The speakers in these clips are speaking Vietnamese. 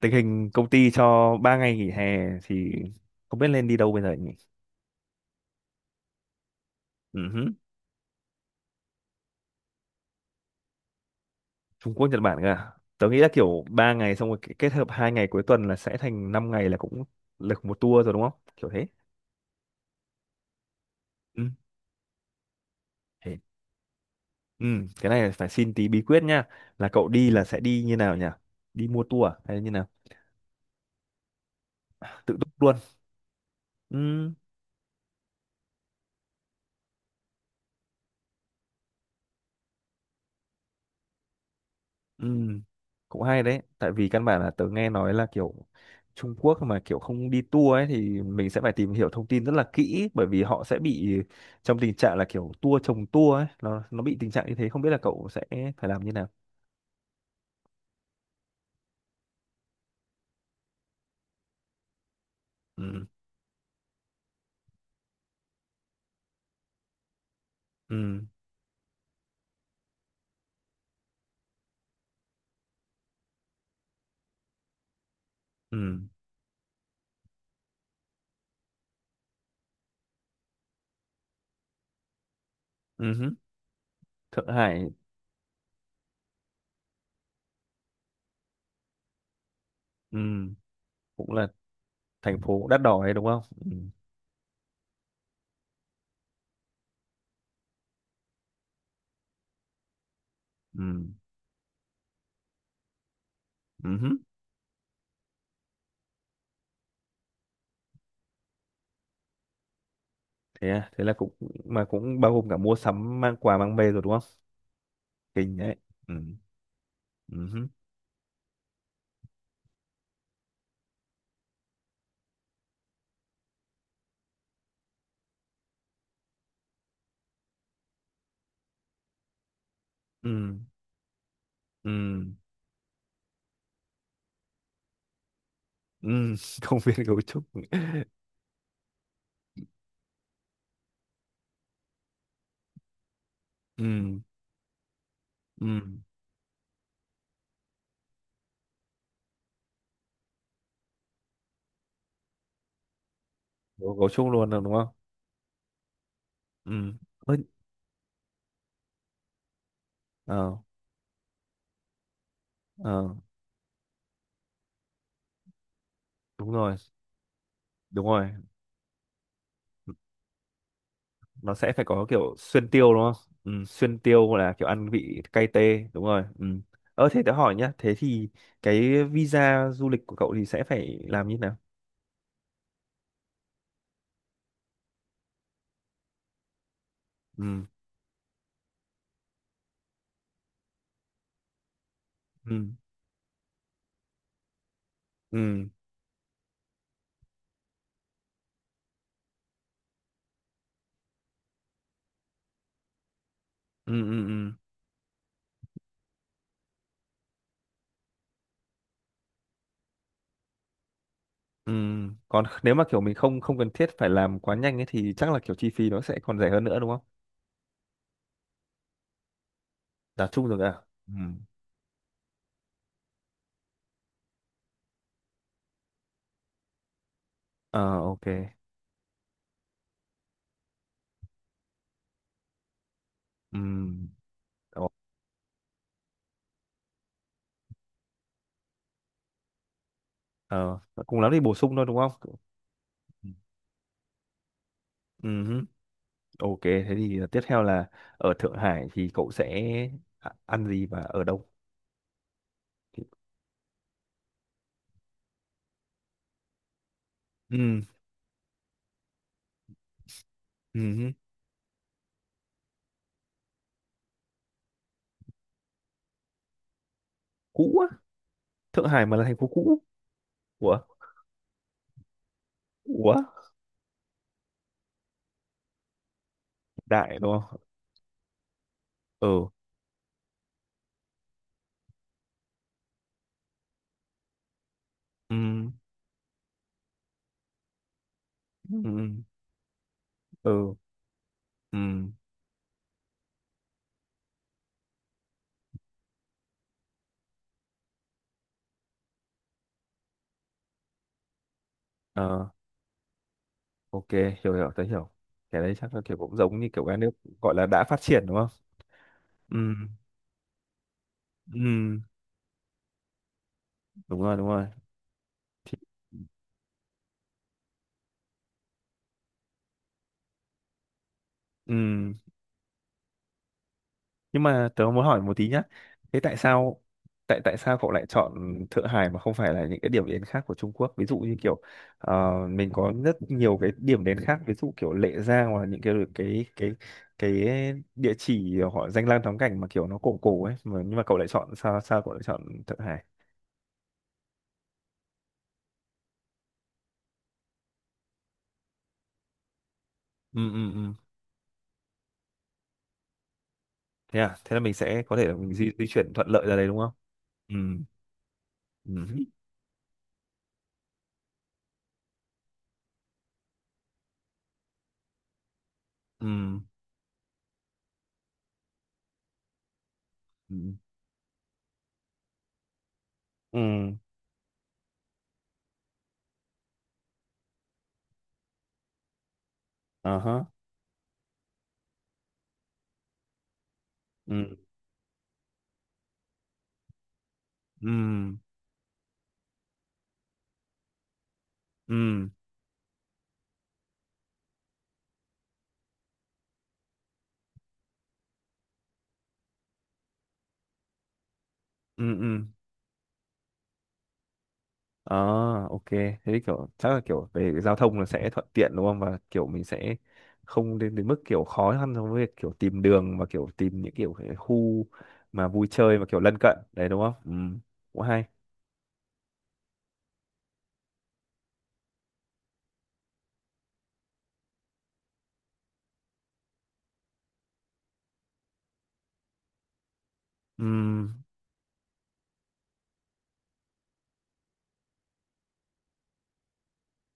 Tình hình công ty cho 3 ngày nghỉ hè thì không biết nên đi đâu bây giờ nhỉ. Ừ hứ. Trung Quốc Nhật Bản cơ à? Tớ nghĩ là kiểu 3 ngày xong rồi kết hợp hai ngày cuối tuần là sẽ thành 5 ngày là cũng lực một tour rồi đúng không, kiểu thế. Ừ. Thế, ừ. Cái này phải xin tí bí quyết nha, là cậu đi là sẽ đi như nào nhỉ? Đi mua tour à? Hay như nào? Tự túc luôn. Ừ. Ừ, cũng hay đấy, tại vì căn bản là tớ nghe nói là kiểu Trung Quốc mà kiểu không đi tour ấy thì mình sẽ phải tìm hiểu thông tin rất là kỹ, bởi vì họ sẽ bị trong tình trạng là kiểu tour chồng tour ấy, nó bị tình trạng như thế, không biết là cậu sẽ phải làm như nào. Ừ, ừ, ừ, ừ, hứ. Thượng Hải. Ừ, cũng là thành phố đắt đỏ ấy đúng không? Ừ, ừ, ừ, hứ. Thế à, thế là cũng mà cũng bao gồm cả mua sắm mang quà mang về rồi đúng không? Kinh đấy. Ừ, ừ, hứ. Ừ. Ừ. Ừ, công viên gấu trúc. Ừ, ừ, gấu trúc luôn rồi đúng không. Ừ. Ơ, ờ, ờ, đúng rồi, đúng rồi, nó sẽ phải có kiểu xuyên tiêu đúng không, ừ, xuyên tiêu là kiểu ăn vị cay tê, đúng rồi, ừ. Ờ thế tớ hỏi nhá, thế thì cái visa du lịch của cậu thì sẽ phải làm như thế nào? Ừ, ừ, ừ, ừ, ừ, ừ. Ừ. Còn nếu mà kiểu mình không không cần thiết phải làm quá nhanh ấy thì chắc là kiểu chi phí nó sẽ còn rẻ hơn nữa đúng không? Giá chung rồi à? Ừ. Ờ, ok. Ừ. Ồ, ờ, cùng lắm thì bổ sung thôi đúng không? Ừ. Ừ, ok, thế thì tiếp theo là ở Thượng Hải thì cậu sẽ ăn gì và ở đâu? Ừ. Ừ. Cũ á, Thượng Hải mà là thành phố cũ. Ủa? Ủa? Đại đúng không? Ừ. Ừ. Ừ. Ừ. Ừ. Ờ, ok, hiểu hiểu, tớ hiểu. Cái đấy chắc là kiểu cũng giống như kiểu các nước gọi là đã phát triển đúng không? Ừ. Ừ. Đúng rồi, đúng rồi. Thì, ừ. Nhưng mà tớ muốn hỏi một tí nhá, thế tại sao, tại tại sao cậu lại chọn Thượng Hải mà không phải là những cái điểm đến khác của Trung Quốc, ví dụ như kiểu mình có rất nhiều cái điểm đến khác, ví dụ kiểu Lệ Giang, hoặc là những cái địa chỉ họ danh lam thắng cảnh mà kiểu nó cổ cổ ấy mà, nhưng mà cậu lại chọn, sao sao cậu lại chọn Thượng Hải? Ừ, ừ, ừ, thế à, thế là mình sẽ có thể là mình di chuyển thuận lợi ra đây đúng không? Ừ, ừ, ừ, ừ, ừ. Ờ hả. Ừ, ừ, ừ, ừ. Ừ. À, ok. Thế kiểu chắc là kiểu về cái giao thông là sẽ thuận tiện đúng không? Và kiểu mình sẽ không đến đến mức kiểu khó khăn trong việc kiểu tìm đường và kiểu tìm những kiểu cái khu mà vui chơi và kiểu lân cận đấy đúng không? Ừ, cũng hay. Ừ,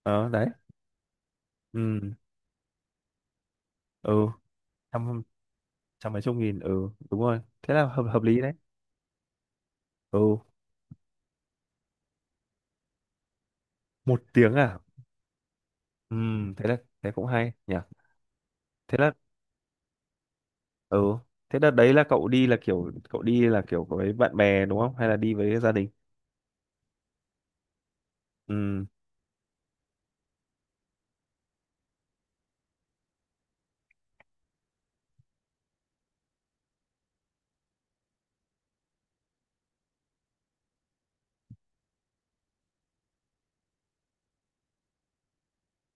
ờ đấy. Ừ, ừ, trăm, trăm mấy chục nghìn. Ừ, đúng rồi. Thế là hợp hợp lý đấy. Ừ, một tiếng à? Ừ, thế là thế cũng hay nhỉ. Thế là ừ, thế đợt đấy là cậu đi là kiểu cậu đi là kiểu với bạn bè đúng không? Hay là đi với gia đình? Ừ.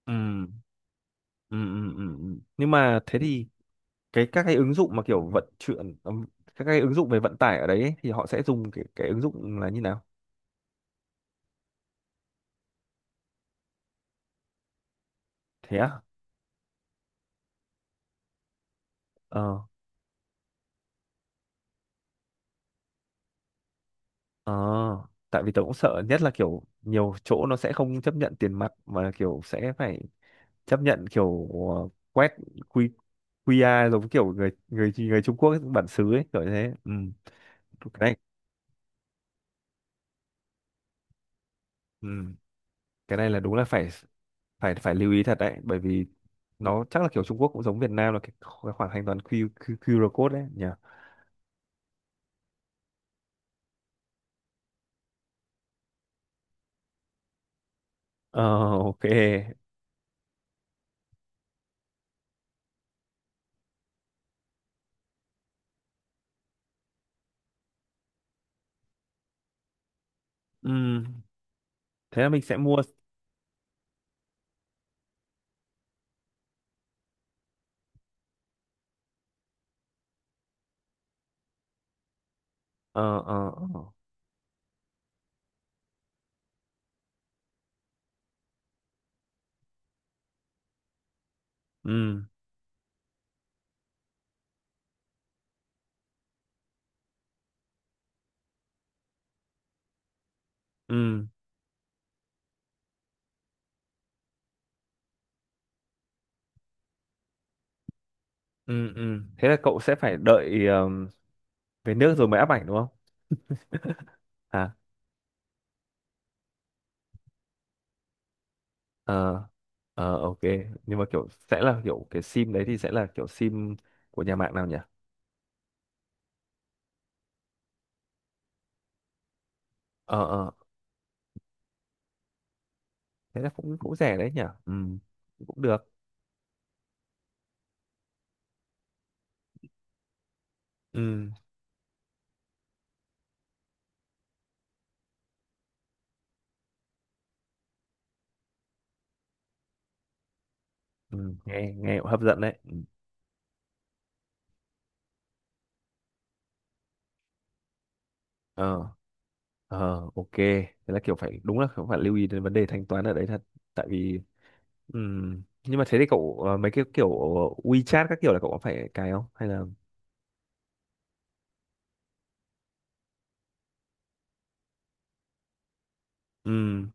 Ừ, ừ, ừ, ừ. Ừ. Nhưng mà thế thì các cái ứng dụng mà kiểu vận chuyển các cái ứng dụng về vận tải ở đấy ấy, thì họ sẽ dùng cái ứng dụng là như nào? Thế à? Ờ, ờ. Tại vì tớ cũng sợ nhất là kiểu nhiều chỗ nó sẽ không chấp nhận tiền mặt mà kiểu sẽ phải chấp nhận kiểu quét quy QR giống kiểu người người người Trung Quốc bản xứ ấy kiểu như thế. Ừ. Cái này, ừ. Cái này là đúng là phải phải phải lưu ý thật đấy, bởi vì nó chắc là kiểu Trung Quốc cũng giống Việt Nam là cái khoảng thanh toán Q, Q, QR code đấy nhỉ. Ờ, ok. Ừm, thế là mình sẽ mua. Ờ, ờ, ờ. Ừm, ừm, Thế là cậu sẽ phải đợi về nước rồi mới áp ảnh đúng không? À, ờ, ờ, ok. Nhưng mà kiểu sẽ là kiểu cái sim đấy thì sẽ là kiểu sim của nhà mạng nào nhỉ? Ờ, ờ, thế là cũng cũng rẻ đấy nhỉ. Cũng được. Ừm, nghe nghe cũng hấp dẫn đấy. Ờ, ờ, ok. Thế là kiểu phải đúng là cũng phải lưu ý đến vấn đề thanh toán ở đấy thật. Tại vì nhưng mà thế thì cậu mấy cái kiểu WeChat các kiểu là cậu có phải cài không? Hay là ừm,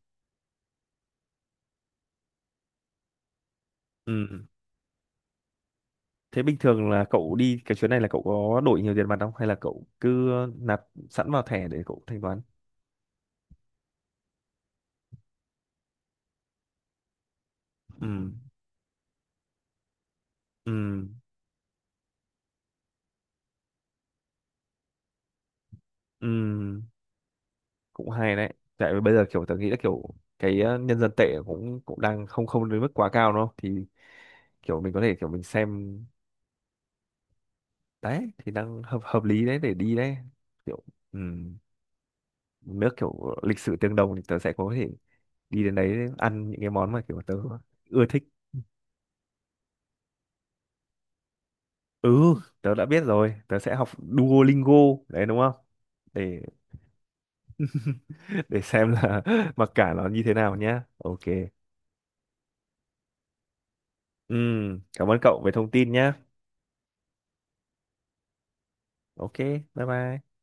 ừm. Thế bình thường là cậu đi cái chuyến này là cậu có đổi nhiều tiền mặt không? Hay là cậu cứ nạp sẵn vào thẻ để cậu thanh toán? Ừm, ừm, ừm. Cũng hay đấy. Tại vì bây giờ kiểu tớ nghĩ là kiểu cái nhân dân tệ cũng cũng đang không không đến mức quá cao đúng không? Thì kiểu mình có thể kiểu mình xem đấy thì đang hợp hợp lý đấy để đi đấy kiểu ừm, nước kiểu lịch sử tương đồng thì tớ sẽ có thể đi đến đấy ăn những cái món mà kiểu tớ ưa thích. Ừ, tớ đã biết rồi, tớ sẽ học Duolingo đấy đúng không, để để xem là mặc cả nó như thế nào nhá, ok. Cảm ơn cậu về thông tin nhá. Ok, bye bye.